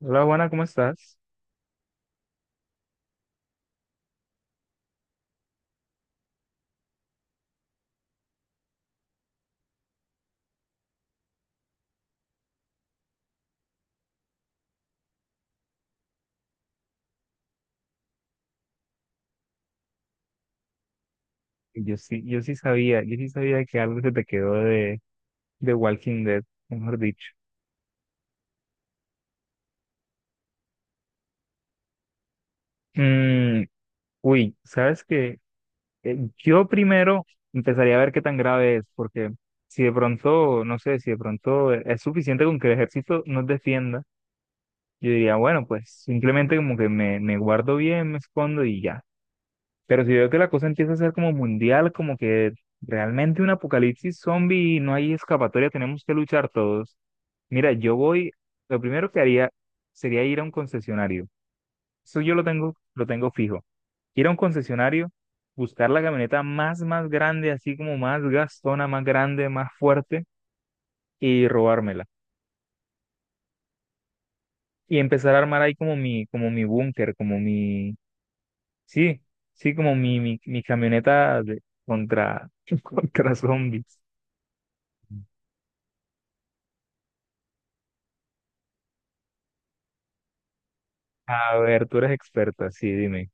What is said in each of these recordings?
Hola, Juana, ¿cómo estás? Yo sí sabía, yo sí sabía que algo se te quedó de Walking Dead, mejor dicho. Mm, uy, ¿sabes qué? Yo primero empezaría a ver qué tan grave es, porque si de pronto, no sé, si de pronto es suficiente con que el ejército nos defienda, yo diría, bueno, pues simplemente como que me guardo bien, me escondo y ya. Pero si veo que la cosa empieza a ser como mundial, como que realmente un apocalipsis zombie y no hay escapatoria, tenemos que luchar todos. Mira, yo voy, lo primero que haría sería ir a un concesionario. Eso yo lo tengo fijo. Ir a un concesionario, buscar la camioneta más grande, así como más gastona, más grande, más fuerte, y robármela. Y empezar a armar ahí como mi búnker, como mi, sí, sí, como mi camioneta contra, contra zombies. A ver, tú eres experta, sí, dime.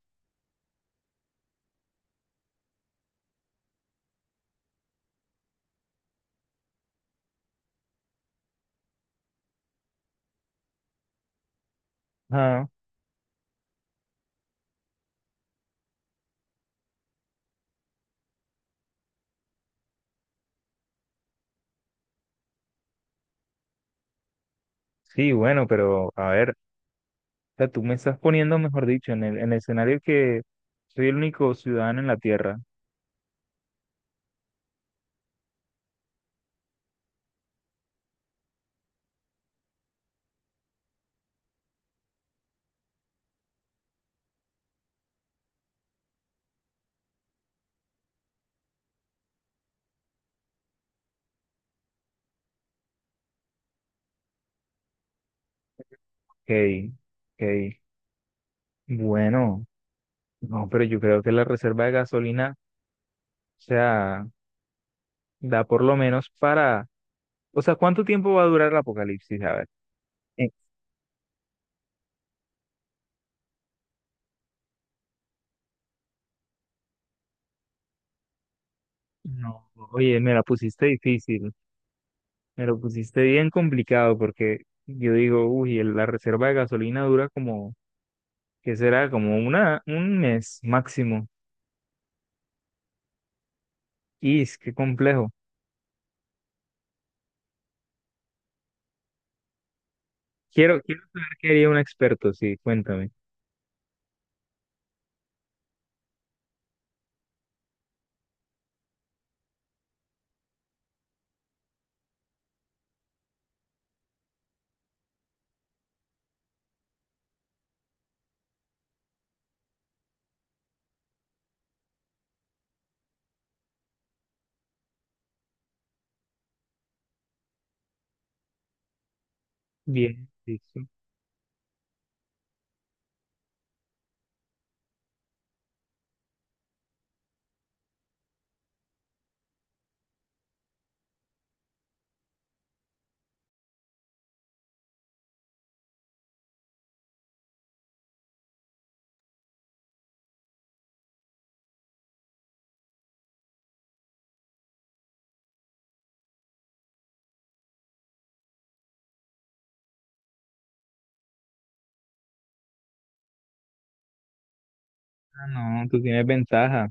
Ah, sí, bueno, pero a ver, o sea, tú me estás poniendo, mejor dicho, en en el escenario que soy el único ciudadano en la Tierra. Ok, ok. Bueno, no, pero yo creo que la reserva de gasolina, o sea, da por lo menos para, o sea, ¿cuánto tiempo va a durar el apocalipsis? A ver. Eh, No, oye, me la pusiste difícil, me lo pusiste bien complicado porque yo digo, uy, la reserva de gasolina dura como que será como una, un mes máximo. Y es que complejo. Quiero saber qué haría un experto, sí, cuéntame. Bien, listo. Ah, no, tú tienes ventaja.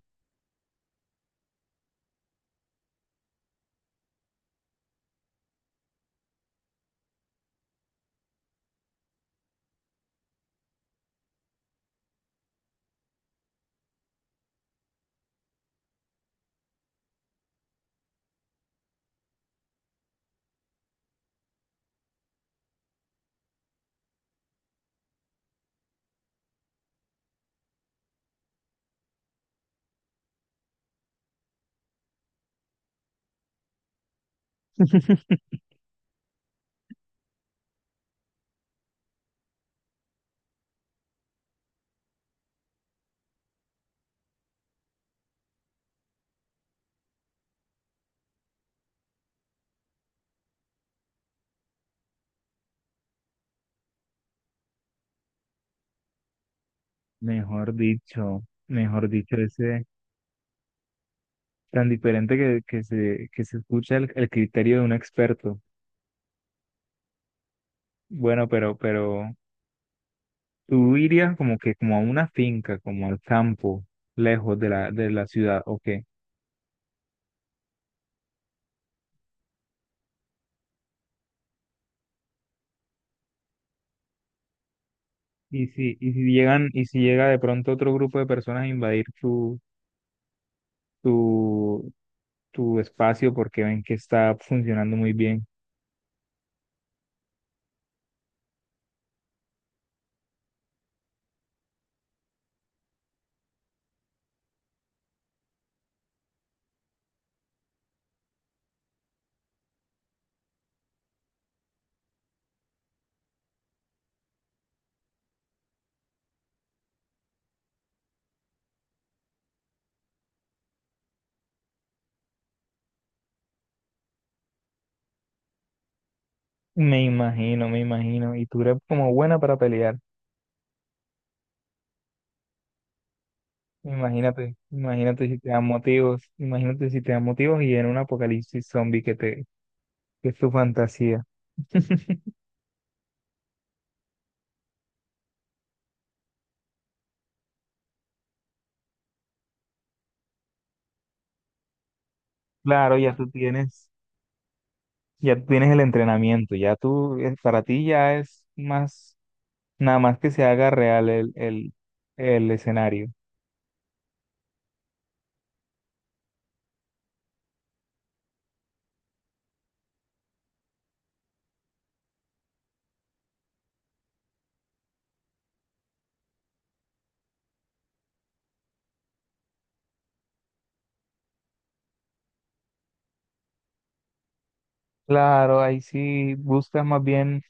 Mejor dicho, mejor dicho, ese tan diferente que se escucha el criterio de un experto. Bueno, pero tú irías como que como a una finca, como al campo, lejos de de la ciudad, ¿o qué? Y si llegan, y si llega de pronto otro grupo de personas a invadir tu, tu espacio porque ven que está funcionando muy bien. Me imagino, me imagino. Y tú eres como buena para pelear. Imagínate, imagínate si te dan motivos, imagínate si te dan motivos y en un apocalipsis zombie que te, que es tu fantasía. Claro, ya tú tienes el entrenamiento, ya tú, para ti ya es más, nada más que se haga real el escenario. Claro, ahí sí buscas más bien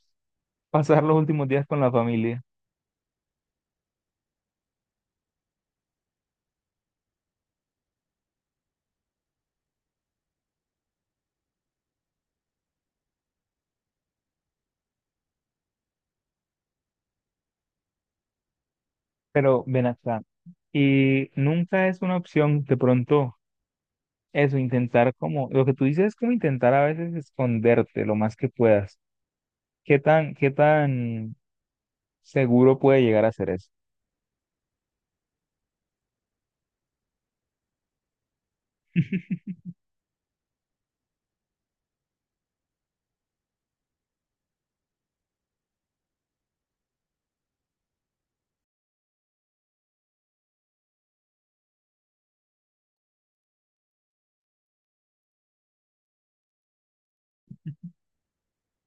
pasar los últimos días con la familia. Pero ven acá. Y nunca es una opción de pronto eso, intentar como, lo que tú dices es como intentar a veces esconderte lo más que puedas. Qué tan seguro puede llegar a ser eso?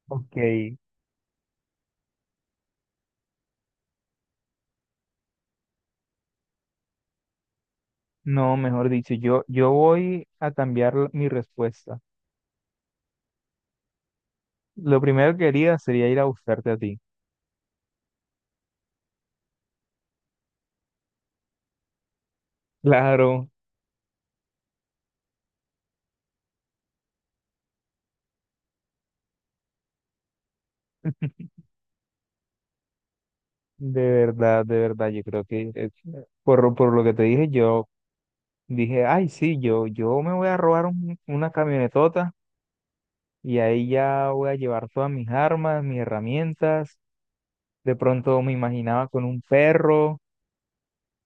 Ok, no, mejor dicho, yo voy a cambiar mi respuesta. Lo primero que haría sería ir a buscarte a ti. Claro, de verdad, yo creo que por lo que te dije, yo dije, ay, sí, yo me voy a robar una camionetota y ahí ya voy a llevar todas mis armas, mis herramientas. De pronto me imaginaba con un perro,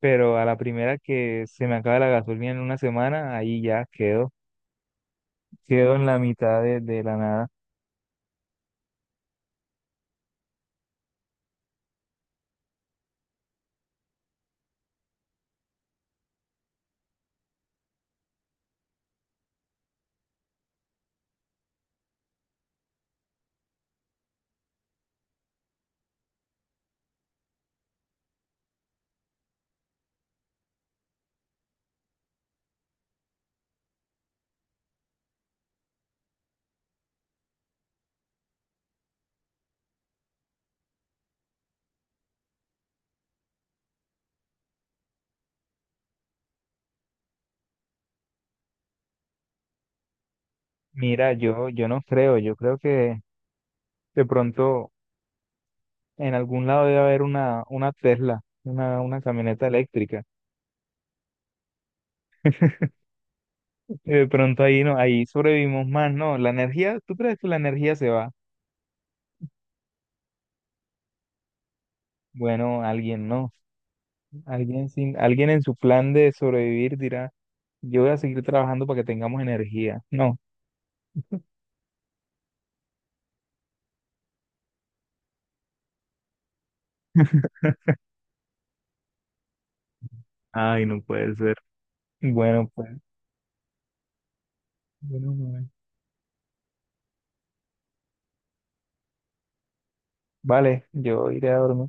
pero a la primera que se me acaba la gasolina en una semana, ahí ya quedo, quedo en la mitad de la nada. Mira, yo no creo, yo creo que de pronto en algún lado debe haber una Tesla, una camioneta eléctrica. Y de pronto ahí no, ahí sobrevivimos más, ¿no? La energía, ¿tú crees que la energía se va? Bueno, alguien no. Alguien sin, alguien en su plan de sobrevivir dirá. Yo voy a seguir trabajando para que tengamos energía. No. Ay, no puede ser. Bueno, pues, bueno, pues. Vale, yo iré a dormir.